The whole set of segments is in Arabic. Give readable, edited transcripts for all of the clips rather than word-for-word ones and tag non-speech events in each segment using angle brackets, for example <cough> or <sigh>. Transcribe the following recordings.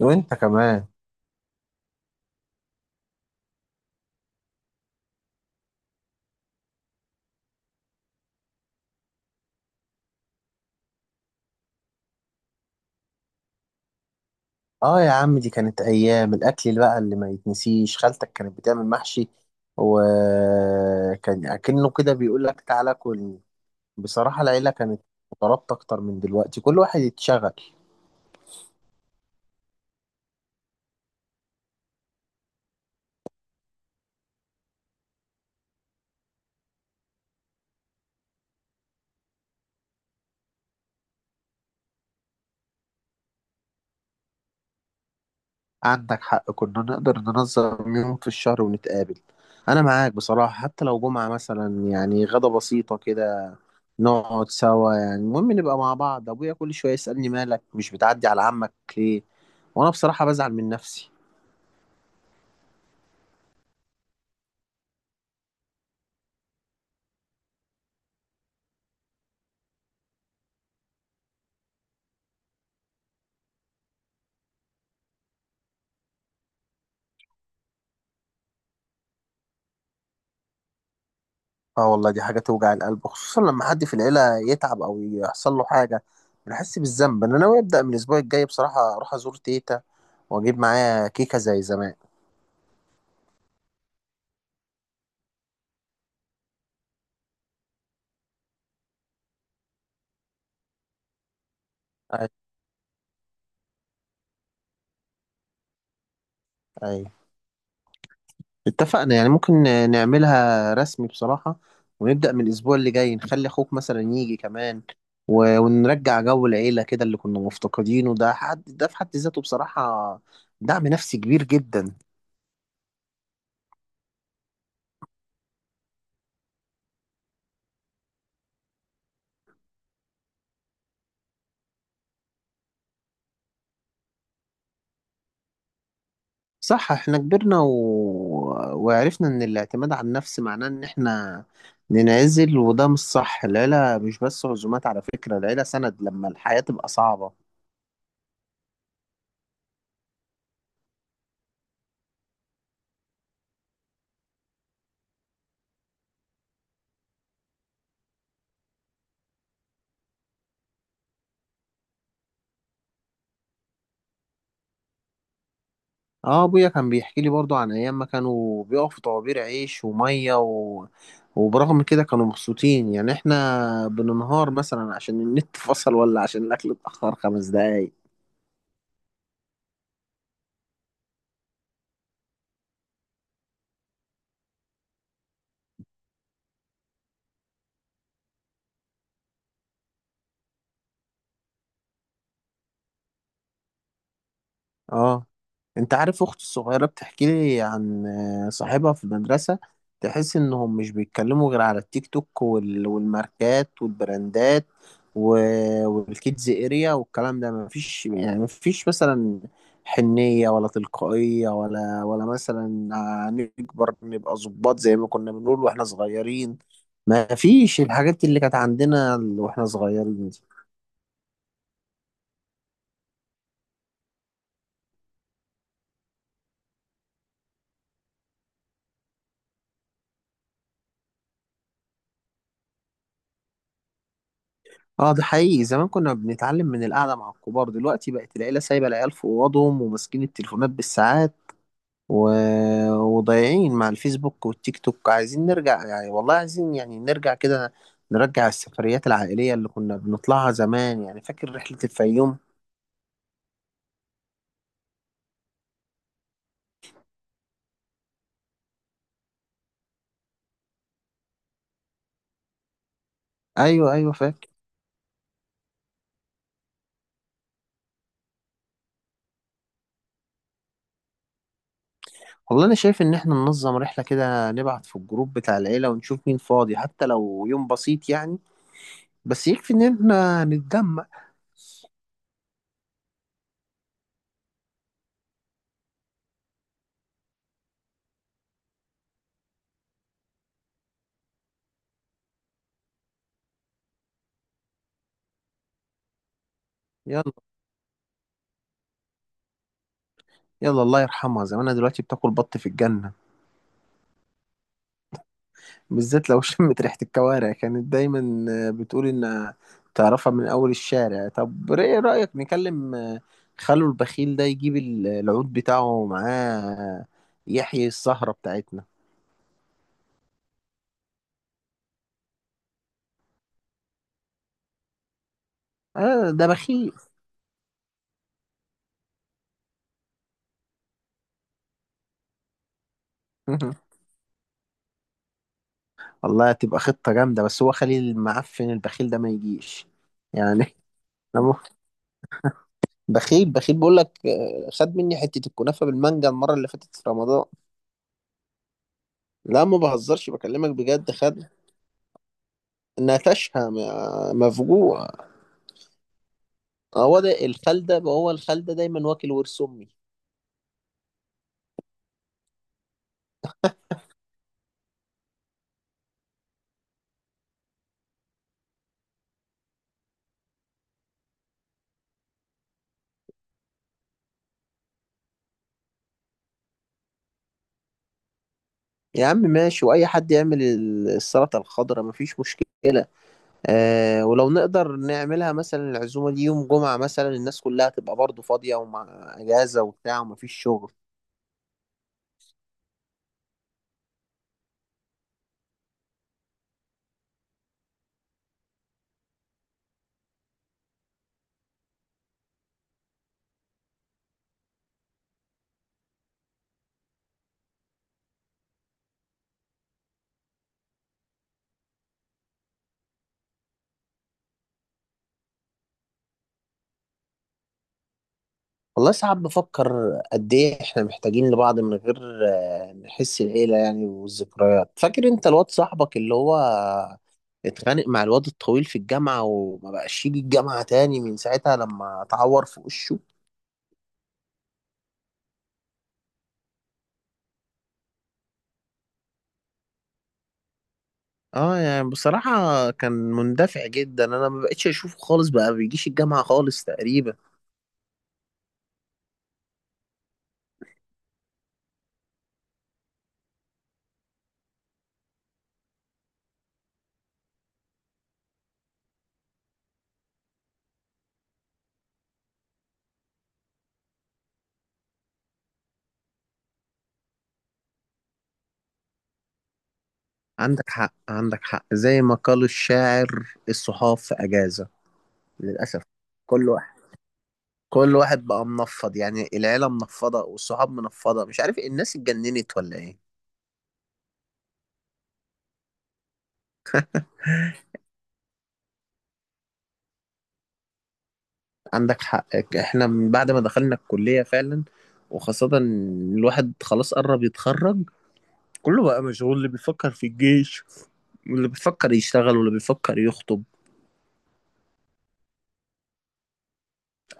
وانت كمان. اه يا عم، دي كانت ايام الاكل اللي بقى اللي ما يتنسيش. خالتك كانت بتعمل محشي وكان اكنه كده بيقول لك تعالى كل. بصراحة العيلة كانت مترابطة اكتر من دلوقتي، كل واحد يتشغل. عندك حق، كنا نقدر ننظم يوم في الشهر ونتقابل. انا معاك بصراحة، حتى لو جمعة مثلا غدا بسيطة كده نقعد سوا، المهم نبقى مع بعض. ابويا كل شوية يسألني مالك مش بتعدي على عمك ليه، وانا بصراحة بزعل من نفسي. اه والله دي حاجة توجع القلب، خصوصا لما حد في العيلة يتعب أو يحصل له حاجة بنحس بالذنب. أنا ناوي أبدأ من الأسبوع الجاي بصراحة، أروح أزور تيتا وأجيب معايا كيكة زي زمان. أي، أي، اتفقنا. يعني ممكن نعملها رسمي بصراحة، ونبدأ من الأسبوع اللي جاي، نخلي أخوك مثلا يجي كمان ونرجع جو العيلة كده اللي كنا مفتقدينه. ده حد ده في حد ذاته بصراحة دعم نفسي كبير جدا. صح، احنا كبرنا وعرفنا ان الاعتماد على النفس معناه ان احنا ننعزل، وده مش صح. العيلة مش بس عزومات، على فكرة العيلة سند لما الحياة تبقى صعبة. اه، ابويا كان بيحكي لي برضو عن ايام ما كانوا بيقفوا في طوابير عيش ومية وبرغم كده كانوا مبسوطين. يعني احنا بننهار مثلا عشان النت فصل ولا عشان الاكل اتأخر خمس دقايق. اه، انت عارف اختي الصغيرة بتحكي لي عن صاحبها في المدرسة، تحس انهم مش بيتكلموا غير على التيك توك والماركات والبراندات والكيدز اريا والكلام ده. مفيش يعني، مفيش مثلا حنية ولا تلقائية، ولا مثلا نكبر نبقى ظباط زي ما كنا بنقول واحنا صغيرين. مفيش الحاجات اللي كانت عندنا واحنا صغيرين دي. اه ده حقيقي، زمان كنا بنتعلم من القعدة مع الكبار، دلوقتي بقت العيلة سايبة العيال في أوضهم وماسكين التليفونات بالساعات و... وضايعين مع الفيسبوك والتيك توك. عايزين نرجع، يعني والله عايزين، يعني نرجع كده، نرجع السفريات العائلية اللي كنا بنطلعها زمان. يعني فاكر رحلة الفيوم؟ أيوه أيوه فاكر. والله أنا شايف إن إحنا ننظم رحلة كده، نبعت في الجروب بتاع العيلة ونشوف مين فاضي، حتى لو يوم بسيط يعني، بس يكفي إن إحنا نتجمع. يلا، يلا الله يرحمها، زمانها دلوقتي بتاكل بط في الجنة. بالذات لو <laughs> شمت ريحة الكوارع، كانت دايما آه، بتقول إن تعرفها من أول الشارع. طب إيه رأيك نكلم آه، خلو البخيل ده يجيب العود بتاعه معاه يحيي السهرة بتاعتنا. آه ده بخيل. <laughs> والله هتبقى خطة جامدة، بس هو خلي المعفن البخيل ده ما يجيش يعني. <laughs> أنا م- بخيل بخيل بقول لك آه، خد مني حتة الكنافة بالمانجا المرة اللي فاتت في رمضان. لا ما بهزرش، بكلمك بجد، خد. نتشها مفجوع. هو ده الخلدة، ما هو الخلدة دايما واكل ورث أمي. يا عم ماشي، وأي حد يعمل السلطة الخضراء مفيش مشكلة. آه ولو نقدر نعملها مثلا العزومة دي يوم جمعة مثلا، الناس كلها تبقى برضه فاضية ومع أجازة وبتاع ومفيش شغل. والله ساعات بفكر قد إيه إحنا محتاجين لبعض، من غير آه نحس العيلة يعني والذكريات. فاكر أنت الواد صاحبك اللي هو اتخانق مع الواد الطويل في الجامعة، وما بقاش يجي الجامعة تاني من ساعتها لما اتعور في وشه؟ اه يعني بصراحة كان مندفع جدا، انا ما بقتش اشوفه خالص، بقى بيجيش الجامعة خالص تقريبا. عندك حق، عندك حق، زي ما قال الشاعر الصحاف في اجازة للاسف. كل واحد، كل واحد بقى منفض، يعني العيلة منفضة والصحاب منفضة، مش عارف الناس اتجننت ولا ايه. عندك حق، احنا من بعد ما دخلنا الكلية فعلا، وخاصة إن الواحد خلاص قرب يتخرج، كله بقى مشغول. اللي بيفكر في الجيش، واللي بيفكر يشتغل، واللي بيفكر يخطب.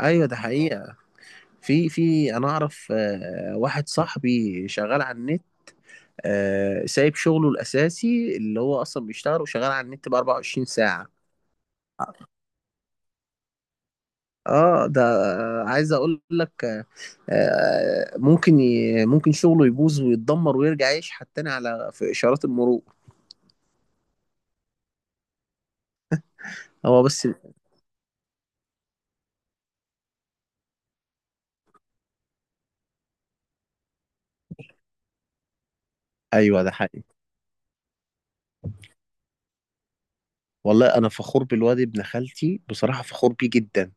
ايوه ده حقيقة. في انا اعرف آه، واحد صاحبي شغال على النت آه، سايب شغله الاساسي اللي هو اصلا بيشتغل، وشغال على النت ب 24 ساعة. اه ده آه، عايز اقول لك آه، آه، ممكن شغله يبوظ ويتدمر ويرجع يشحت تاني على في اشارات المرور. هو بس. ايوه ده حقيقي. والله انا فخور بالواد ابن خالتي، بصراحه فخور بيه جدا.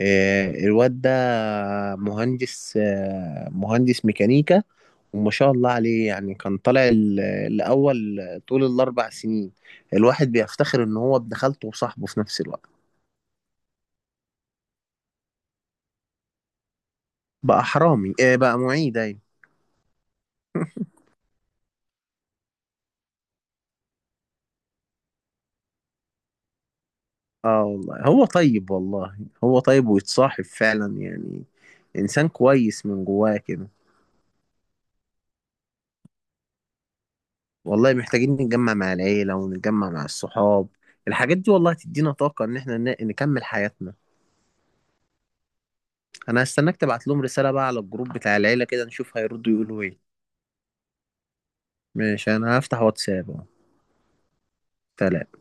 آه، الواد ده مهندس آه، مهندس ميكانيكا، وما شاء الله عليه. يعني كان طالع الأول طول الأربع سنين. الواحد بيفتخر إن هو ابن خالته وصاحبه في نفس الوقت. بقى حرامي إيه، بقى معيد، أيوة. <laughs> آه والله هو طيب، والله هو طيب ويتصاحب فعلا، يعني إنسان كويس من جواه كده. والله محتاجين نتجمع مع العيلة ونتجمع مع الصحاب، الحاجات دي والله هتدينا طاقة إن إحنا نكمل حياتنا. أنا هستناك تبعت لهم رسالة بقى على الجروب بتاع العيلة كده نشوف هيردوا يقولوا إيه. ماشي، أنا هفتح واتساب أهو. سلام.